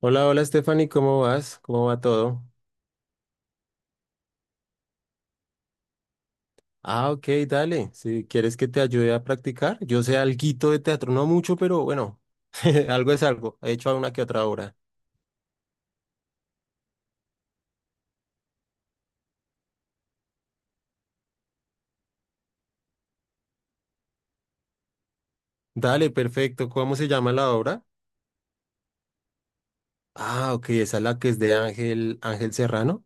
Hola, hola Stephanie, ¿cómo vas? ¿Cómo va todo? Ah, ok, dale. Si quieres que te ayude a practicar, yo sé alguito de teatro, no mucho, pero bueno, algo es algo. He hecho una que otra obra. Dale, perfecto. ¿Cómo se llama la obra? Ah, ok, esa es la que es de Ángel, Ángel Serrano.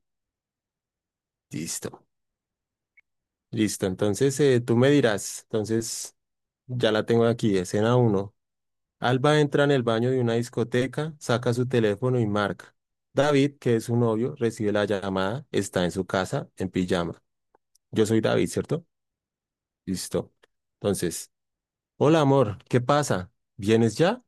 Listo, listo. Entonces tú me dirás. Entonces ya la tengo aquí, escena uno. Alba entra en el baño de una discoteca, saca su teléfono y marca. David, que es su novio, recibe la llamada, está en su casa, en pijama. Yo soy David, ¿cierto? Listo. Entonces, hola amor, ¿qué pasa? ¿Vienes ya?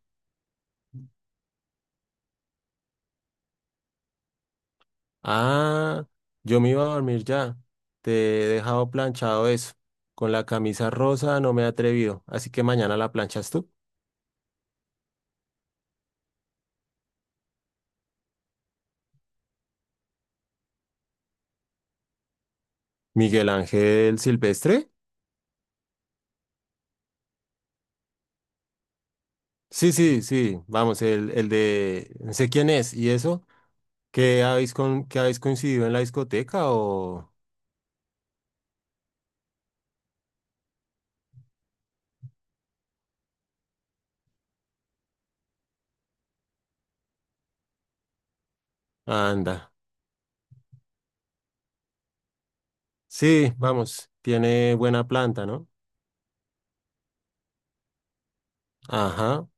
Ah, yo me iba a dormir ya. Te he dejado planchado eso. Con la camisa rosa no me he atrevido, así que mañana la planchas tú. Miguel Ángel Silvestre. Sí, sí, sí, vamos, el de... No sé quién es, ¿y eso? ¿Qué habéis, con, qué habéis coincidido en la discoteca o...? Anda. Sí, vamos, tiene buena planta, ¿no? Ajá,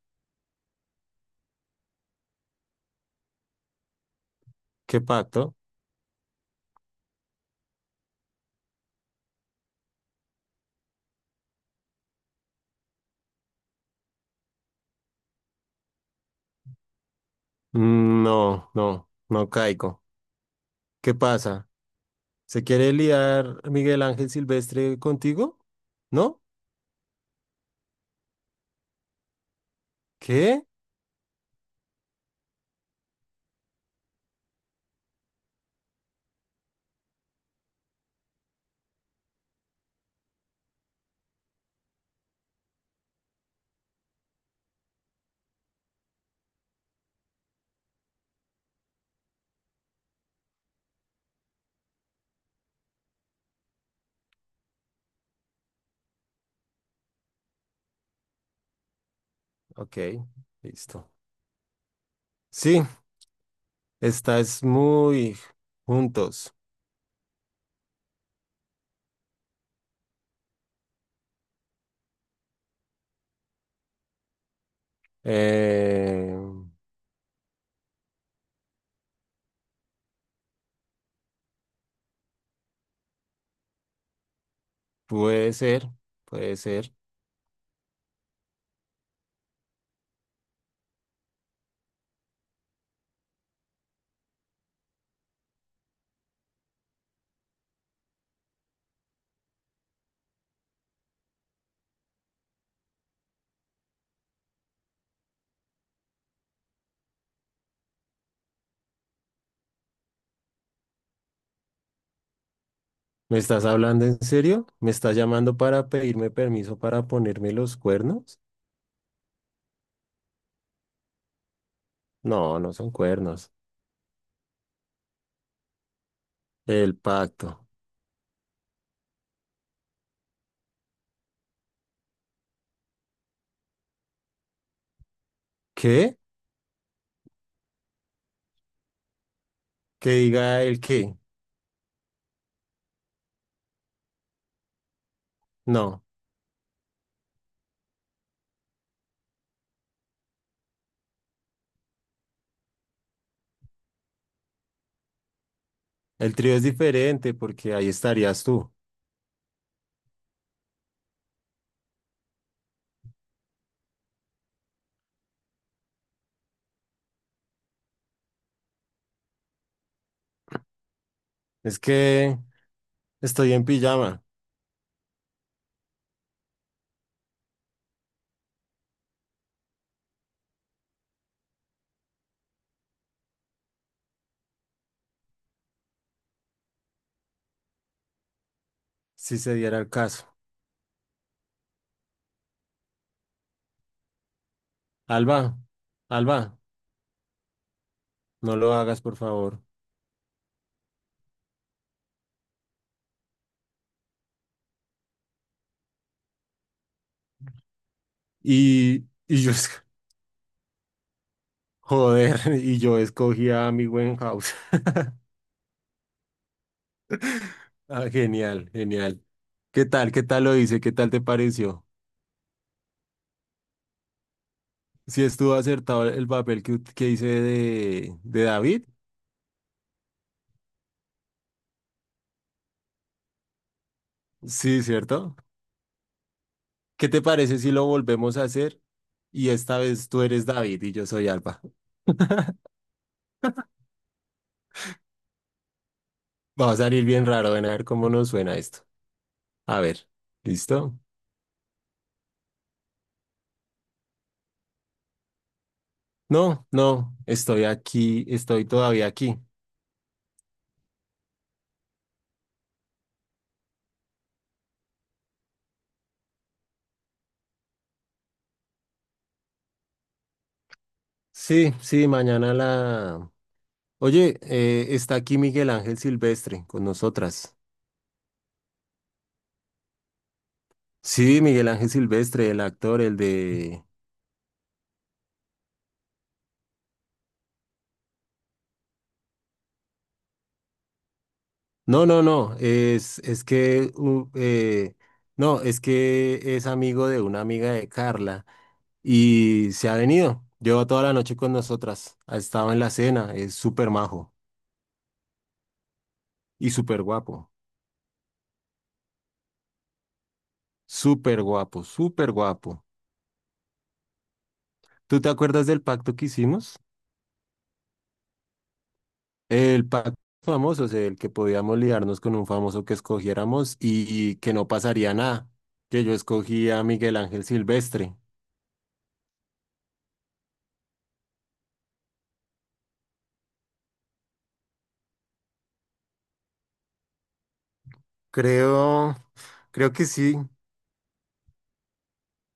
¿qué pacto? Mm, no, no, no caigo. ¿Qué pasa? ¿Se quiere liar Miguel Ángel Silvestre contigo? ¿No? ¿Qué? Ok, listo. Sí, estás muy juntos. Eh, puede ser, puede ser. ¿Me estás hablando en serio? ¿Me estás llamando para pedirme permiso para ponerme los cuernos? No, no son cuernos. El pacto. ¿Qué? Que diga el qué. No, el trío es diferente porque ahí estarías tú. Es que estoy en pijama, si se diera el caso. Alba, Alba, no lo hagas, por favor. Y yo, es- joder, y yo escogí a mi buen house. Ah, genial, genial. ¿Qué tal? ¿Qué tal lo hice? ¿Qué tal te pareció? Si estuvo acertado el papel que, ut- que hice de David, sí, ¿cierto? ¿Qué te parece si lo volvemos a hacer y esta vez tú eres David y yo soy Alba? Va a salir bien raro, ven a ver cómo nos suena esto. A ver, ¿listo? No, no, estoy aquí, estoy todavía aquí. Sí, sí, mañana la... Oye, está aquí Miguel Ángel Silvestre con nosotras. Sí, Miguel Ángel Silvestre, el actor, el de... No, no, no, es que, u- no, es que es amigo de una amiga de Carla y se ha venido. Lleva toda la noche con nosotras, ha estado en la cena, es súper majo y súper guapo, súper guapo, súper guapo. ¿Tú te acuerdas del pacto que hicimos? El pacto famoso, o sea, el que podíamos liarnos con un famoso que escogiéramos y que no pasaría nada, que yo escogí a Miguel Ángel Silvestre. Creo, creo que sí.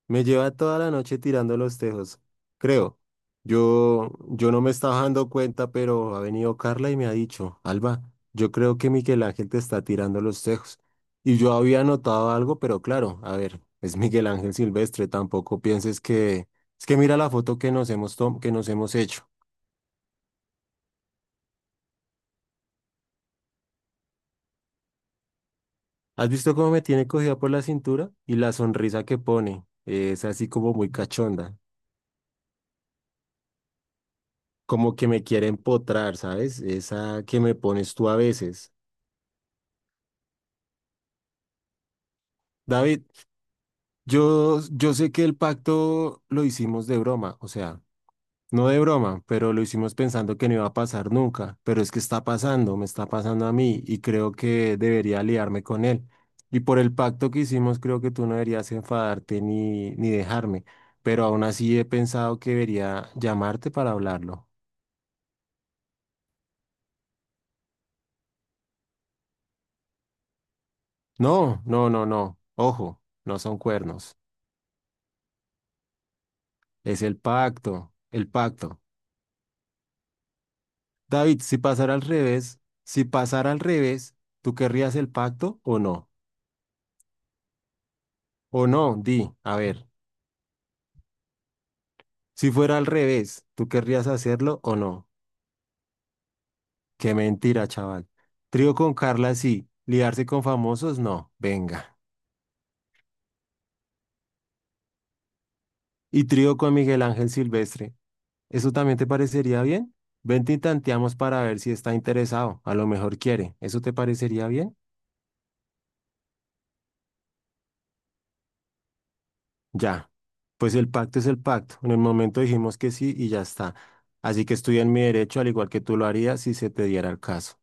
Me lleva toda la noche tirando los tejos, creo. Yo no me estaba dando cuenta, pero ha venido Carla y me ha dicho, Alba, yo creo que Miguel Ángel te está tirando los tejos. Y yo había notado algo, pero claro, a ver, es Miguel Ángel Silvestre, tampoco pienses que... Es que mira la foto que nos hemos tom- que nos hemos hecho. ¿Has visto cómo me tiene cogida por la cintura? Y la sonrisa que pone, es así como muy cachonda, como que me quiere empotrar, ¿sabes? Esa que me pones tú a veces. David, yo sé que el pacto lo hicimos de broma, o sea, no de broma, pero lo hicimos pensando que no iba a pasar nunca, pero es que está pasando, me está pasando a mí y creo que debería aliarme con él. Y por el pacto que hicimos, creo que tú no deberías enfadarte ni dejarme, pero aún así he pensado que debería llamarte para hablarlo. No, no, no, no, ojo, no son cuernos, es el pacto, el pacto. David, si pasara al revés, si pasara al revés, ¿tú querrías el pacto o no? O no, di, a ver, si fuera al revés, ¿tú querrías hacerlo o no? Qué mentira, chaval. Trío con Carla, sí. Liarse con famosos, no. Venga. Y trío con Miguel Ángel Silvestre. ¿Eso también te parecería bien? Vente y tanteamos para ver si está interesado. A lo mejor quiere. ¿Eso te parecería bien? Ya, pues el pacto es el pacto. En el momento dijimos que sí y ya está. Así que estoy en mi derecho, al igual que tú lo harías si se te diera el caso.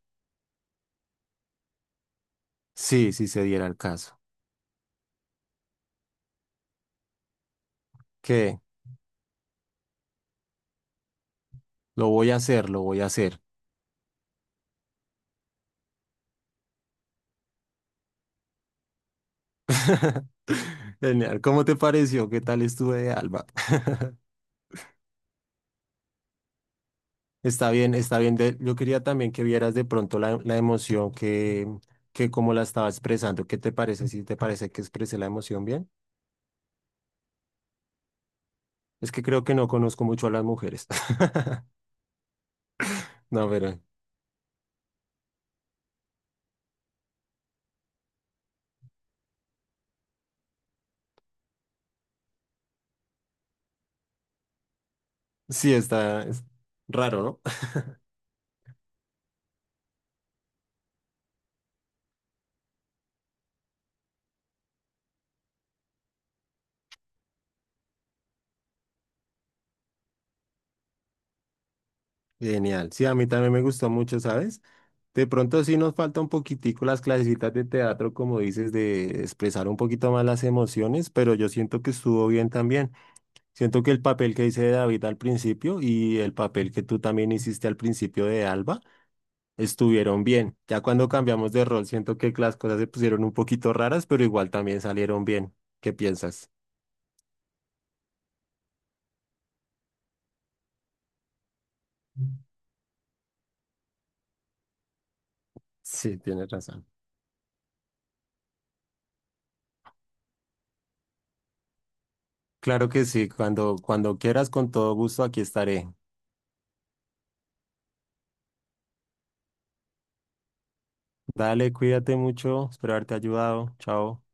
Sí, si se diera el caso. ¿Qué? Lo voy a hacer, lo voy a hacer. Genial. ¿Cómo te pareció? ¿Qué tal estuve de Alba? Está bien, está bien. De- Yo quería también que vieras de pronto la, la emoción que como la estaba expresando. ¿Qué te parece? ¿Si te parece que expresé la emoción bien? Es que creo que no conozco mucho a las mujeres. No, pero sí, está es raro, ¿no? Genial. Sí, a mí también me gustó mucho, ¿sabes? De pronto sí nos falta un poquitico las clasecitas de teatro, como dices, de expresar un poquito más las emociones, pero yo siento que estuvo bien también. Siento que el papel que hice de David al principio y el papel que tú también hiciste al principio de Alba estuvieron bien. Ya cuando cambiamos de rol, siento que las cosas se pusieron un poquito raras, pero igual también salieron bien. ¿Qué piensas? Sí, tienes razón. Claro que sí, cuando, cuando quieras, con todo gusto, aquí estaré. Dale, cuídate mucho, espero haberte ayudado. Chao.